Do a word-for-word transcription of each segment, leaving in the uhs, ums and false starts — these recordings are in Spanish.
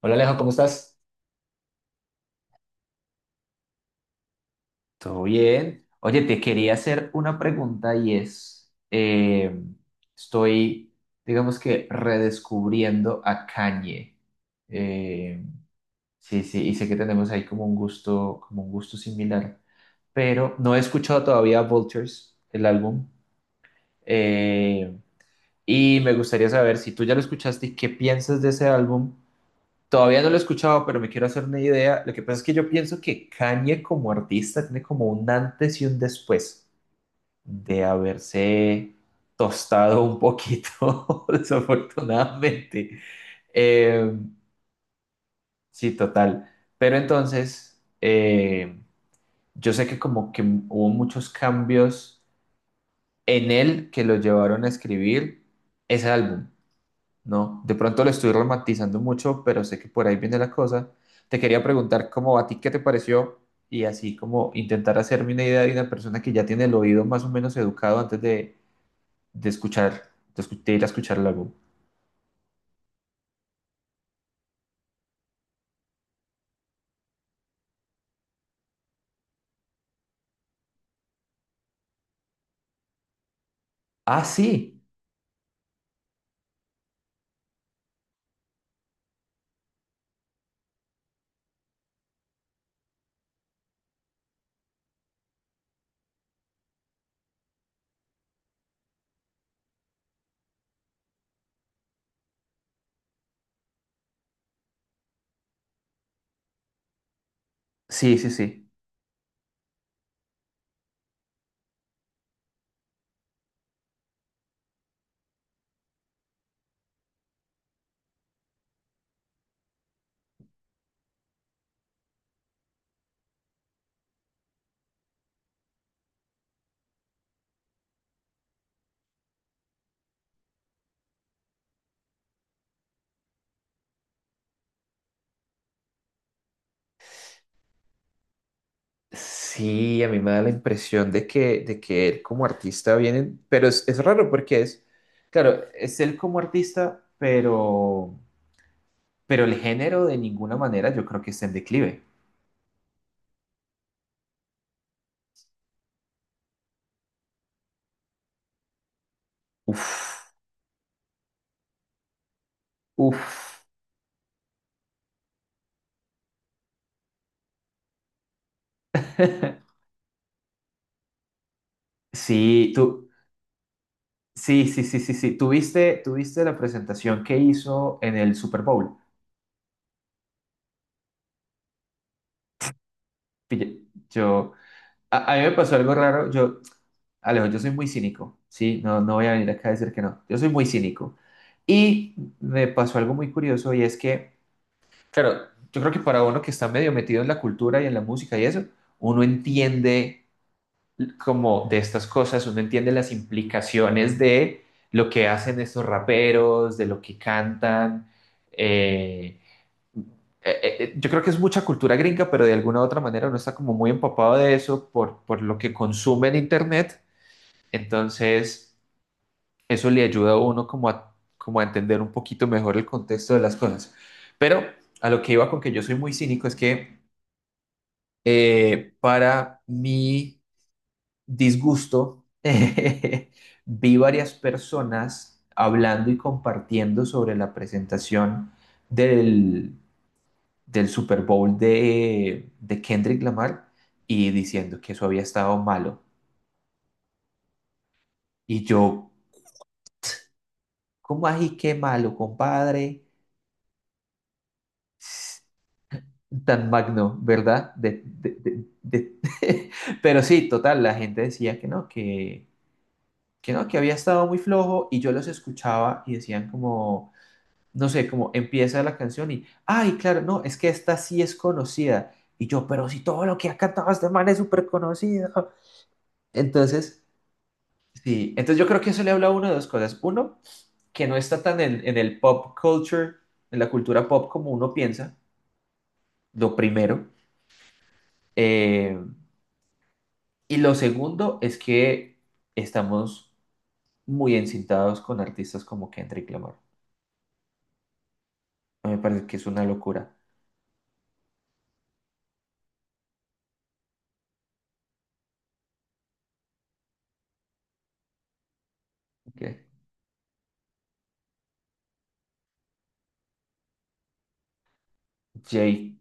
Hola Alejo, ¿cómo estás? Todo bien. Oye, te quería hacer una pregunta y es, eh, estoy, digamos que, redescubriendo a Kanye. Eh, sí, sí, y sé que tenemos ahí como un gusto, como un gusto similar, pero no he escuchado todavía Vultures, el álbum. Eh, y me gustaría saber si tú ya lo escuchaste y qué piensas de ese álbum. Todavía no lo he escuchado, pero me quiero hacer una idea. Lo que pasa es que yo pienso que Kanye como artista tiene como un antes y un después de haberse tostado un poquito, desafortunadamente. Eh, sí, total. Pero entonces, eh, yo sé que como que hubo muchos cambios en él que lo llevaron a escribir ese álbum. No, de pronto lo estoy romantizando mucho, pero sé que por ahí viene la cosa. Te quería preguntar cómo a ti qué te pareció y así como intentar hacerme una idea de una persona que ya tiene el oído más o menos educado antes de, de escuchar, de, escu- de ir a escuchar el álbum. Ah, sí, sí, sí, sí. Sí, a mí me da la impresión de que, de que él como artista viene, pero es, es raro porque es, claro, es él como artista, pero, pero el género de ninguna manera yo creo que está en declive. Uf, uf. Sí, tú, sí, sí, sí, sí, sí. ¿Tuviste, tuviste la presentación que hizo en el Super Bowl? Pille- Yo, a, a mí me pasó algo raro. Yo, Alejo, yo soy muy cínico, ¿sí? No, no voy a venir acá a decir que no. Yo soy muy cínico. Y me pasó algo muy curioso y es que, claro, yo creo que para uno que está medio metido en la cultura y en la música y eso, uno entiende como de estas cosas, uno entiende las implicaciones de lo que hacen estos raperos, de lo que cantan. eh, eh, eh, eh, yo creo que es mucha cultura gringa, pero de alguna u otra manera uno está como muy empapado de eso por, por lo que consume en Internet. Entonces, eso le ayuda a uno como a, como a entender un poquito mejor el contexto de las cosas. Pero a lo que iba con que yo soy muy cínico es que eh, para mí disgusto, vi varias personas hablando y compartiendo sobre la presentación del, del Super Bowl de, de Kendrick Lamar y diciendo que eso había estado malo. Y yo, ¿cómo así qué malo, compadre? Tan magno, ¿verdad? De- de- de- de- Pero sí, total, la gente decía que no, que, que no, que había estado muy flojo y yo los escuchaba y decían como... no sé, como empieza la canción y, ay, claro, no, es que esta sí es conocida. Y yo, pero si todo lo que ha cantado este man es súper conocido. Entonces, sí, entonces yo creo que eso le habla a uno de dos cosas. Uno, que no está tan en, en el pop culture, en la cultura pop como uno piensa, lo primero. Eh, y lo segundo es que estamos muy encintados con artistas como Kendrick Lamar. Me parece que es una locura. Que J.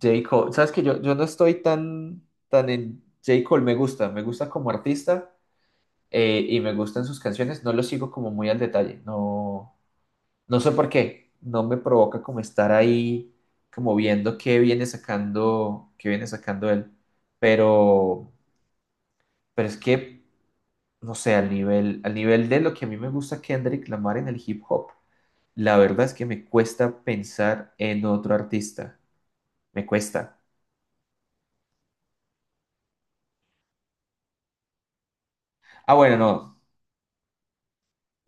J. Cole, sabes que yo, yo no estoy tan, tan en J. Cole, me gusta, me gusta como artista, eh, y me gustan sus canciones, no lo sigo como muy al detalle, no, no sé por qué, no me provoca como estar ahí, como viendo qué viene sacando, qué viene sacando él, pero, pero es que, no sé, al nivel, al nivel de lo que a mí me gusta Kendrick Lamar en el hip hop, la verdad es que me cuesta pensar en otro artista, me cuesta. Ah, bueno, no,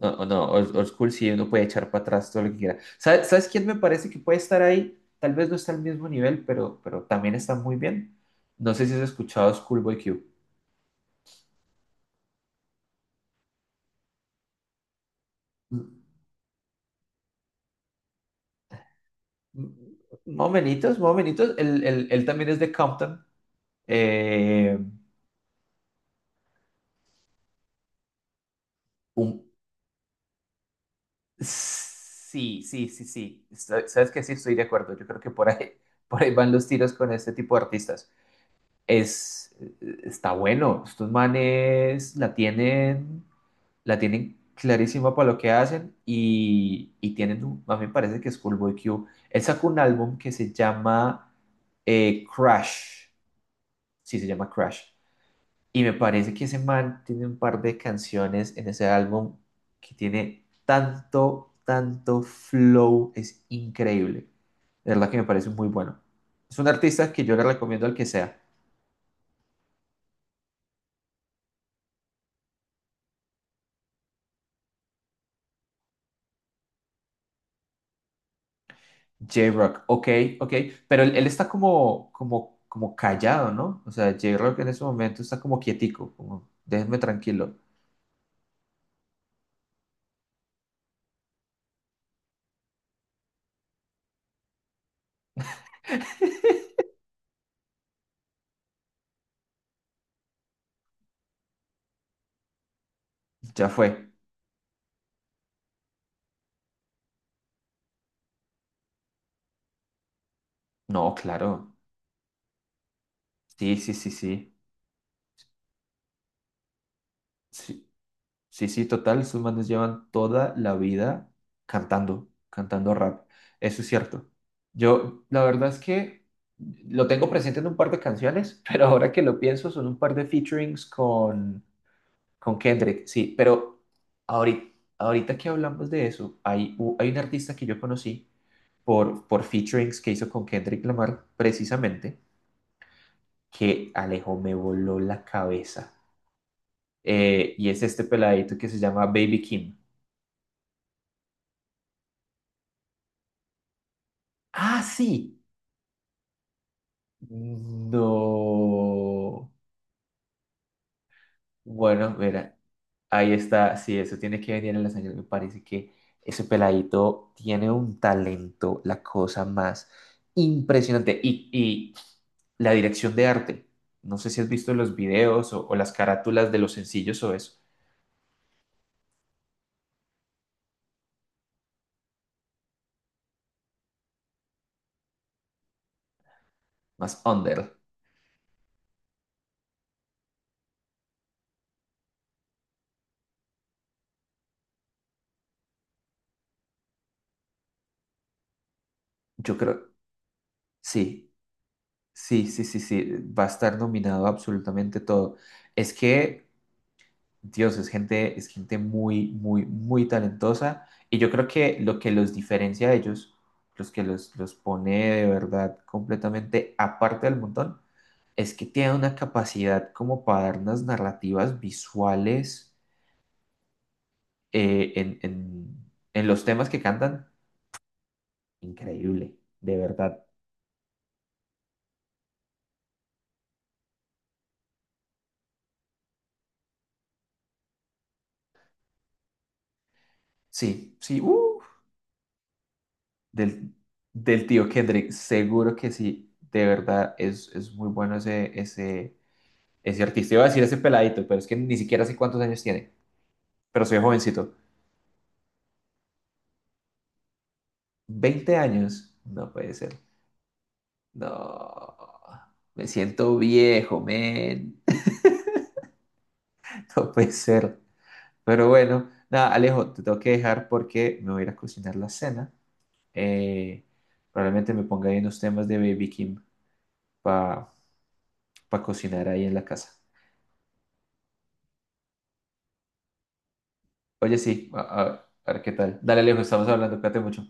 No, o no, old, old school sí, uno puede echar para atrás todo lo que quiera. ¿Sabes, sabes quién me parece que puede estar ahí? Tal vez no está al mismo nivel, pero, pero también está muy bien. No sé si has escuchado Schoolboy Q. Mm, mm, Momentitos, momentitos. Él, él- él también es de Compton. Eh, un- sí, sí, sí, sí. Estoy- Sabes que sí estoy de acuerdo. Yo creo que por ahí, por ahí van los tiros con este tipo de artistas. Es, eh, está bueno. Estos manes la tienen. La tienen clarísima para lo que hacen y, y tienen, un- a mí me parece que es Schoolboy Q. Él sacó un álbum que se llama eh, Crash, sí se llama Crash, y me parece que ese man tiene un par de canciones en ese álbum que tiene tanto, tanto flow, es increíble. De verdad que me parece muy bueno. Es un artista que yo le recomiendo al que sea. J-Rock, ok, ok, pero él, él está como, como, como callado, ¿no? O sea, J-Rock en ese momento está como quietico, como déjenme tranquilo, ya fue. No, claro, sí, sí, sí, sí, sí, sí, sí, total, esos manes llevan toda la vida cantando, cantando rap, eso es cierto. Yo, la verdad es que lo tengo presente en un par de canciones, pero ahora que lo pienso, son un par de featurings con Con Kendrick, sí, pero ahorita, ahorita que hablamos de eso, hay, u- hay un artista que yo conocí por, por featurings que hizo con Kendrick Lamar, precisamente, que Alejo me voló la cabeza. Eh, y es este peladito que se llama Baby Kim. Ah, sí. No. Bueno, mira, ahí está, sí, eso tiene que venir en la sangre. Me parece que ese peladito tiene un talento, la cosa más impresionante. Y, y la dirección de arte, no sé si has visto los videos o, o las carátulas de los sencillos o eso, más under. Yo creo, sí, sí, sí, sí, sí, va a estar nominado absolutamente todo. Es que Dios, es gente, es gente muy, muy, muy talentosa. Y yo creo que lo que los diferencia a ellos, los que los, los pone de verdad completamente aparte del montón, es que tienen una capacidad como para dar unas narrativas visuales eh, en, en- en los temas que cantan. Increíble, de verdad. Sí, sí, uh, del, del tío Kendrick, seguro que sí. De verdad, es, es muy bueno ese, ese. Es cierto, te iba a decir ese peladito, pero es que ni siquiera sé cuántos años tiene. Pero soy jovencito. ¿Veinte años? No puede ser. No. Me siento viejo, men. No puede ser. Pero bueno, nada, Alejo, te tengo que dejar porque me voy a ir a cocinar la cena. Eh, Probablemente me ponga ahí unos temas de Baby Kim para cocinar ahí en la casa. Oye, sí, a, a- a ver qué tal. Dale, Alejo, estamos hablando, cuídate mucho.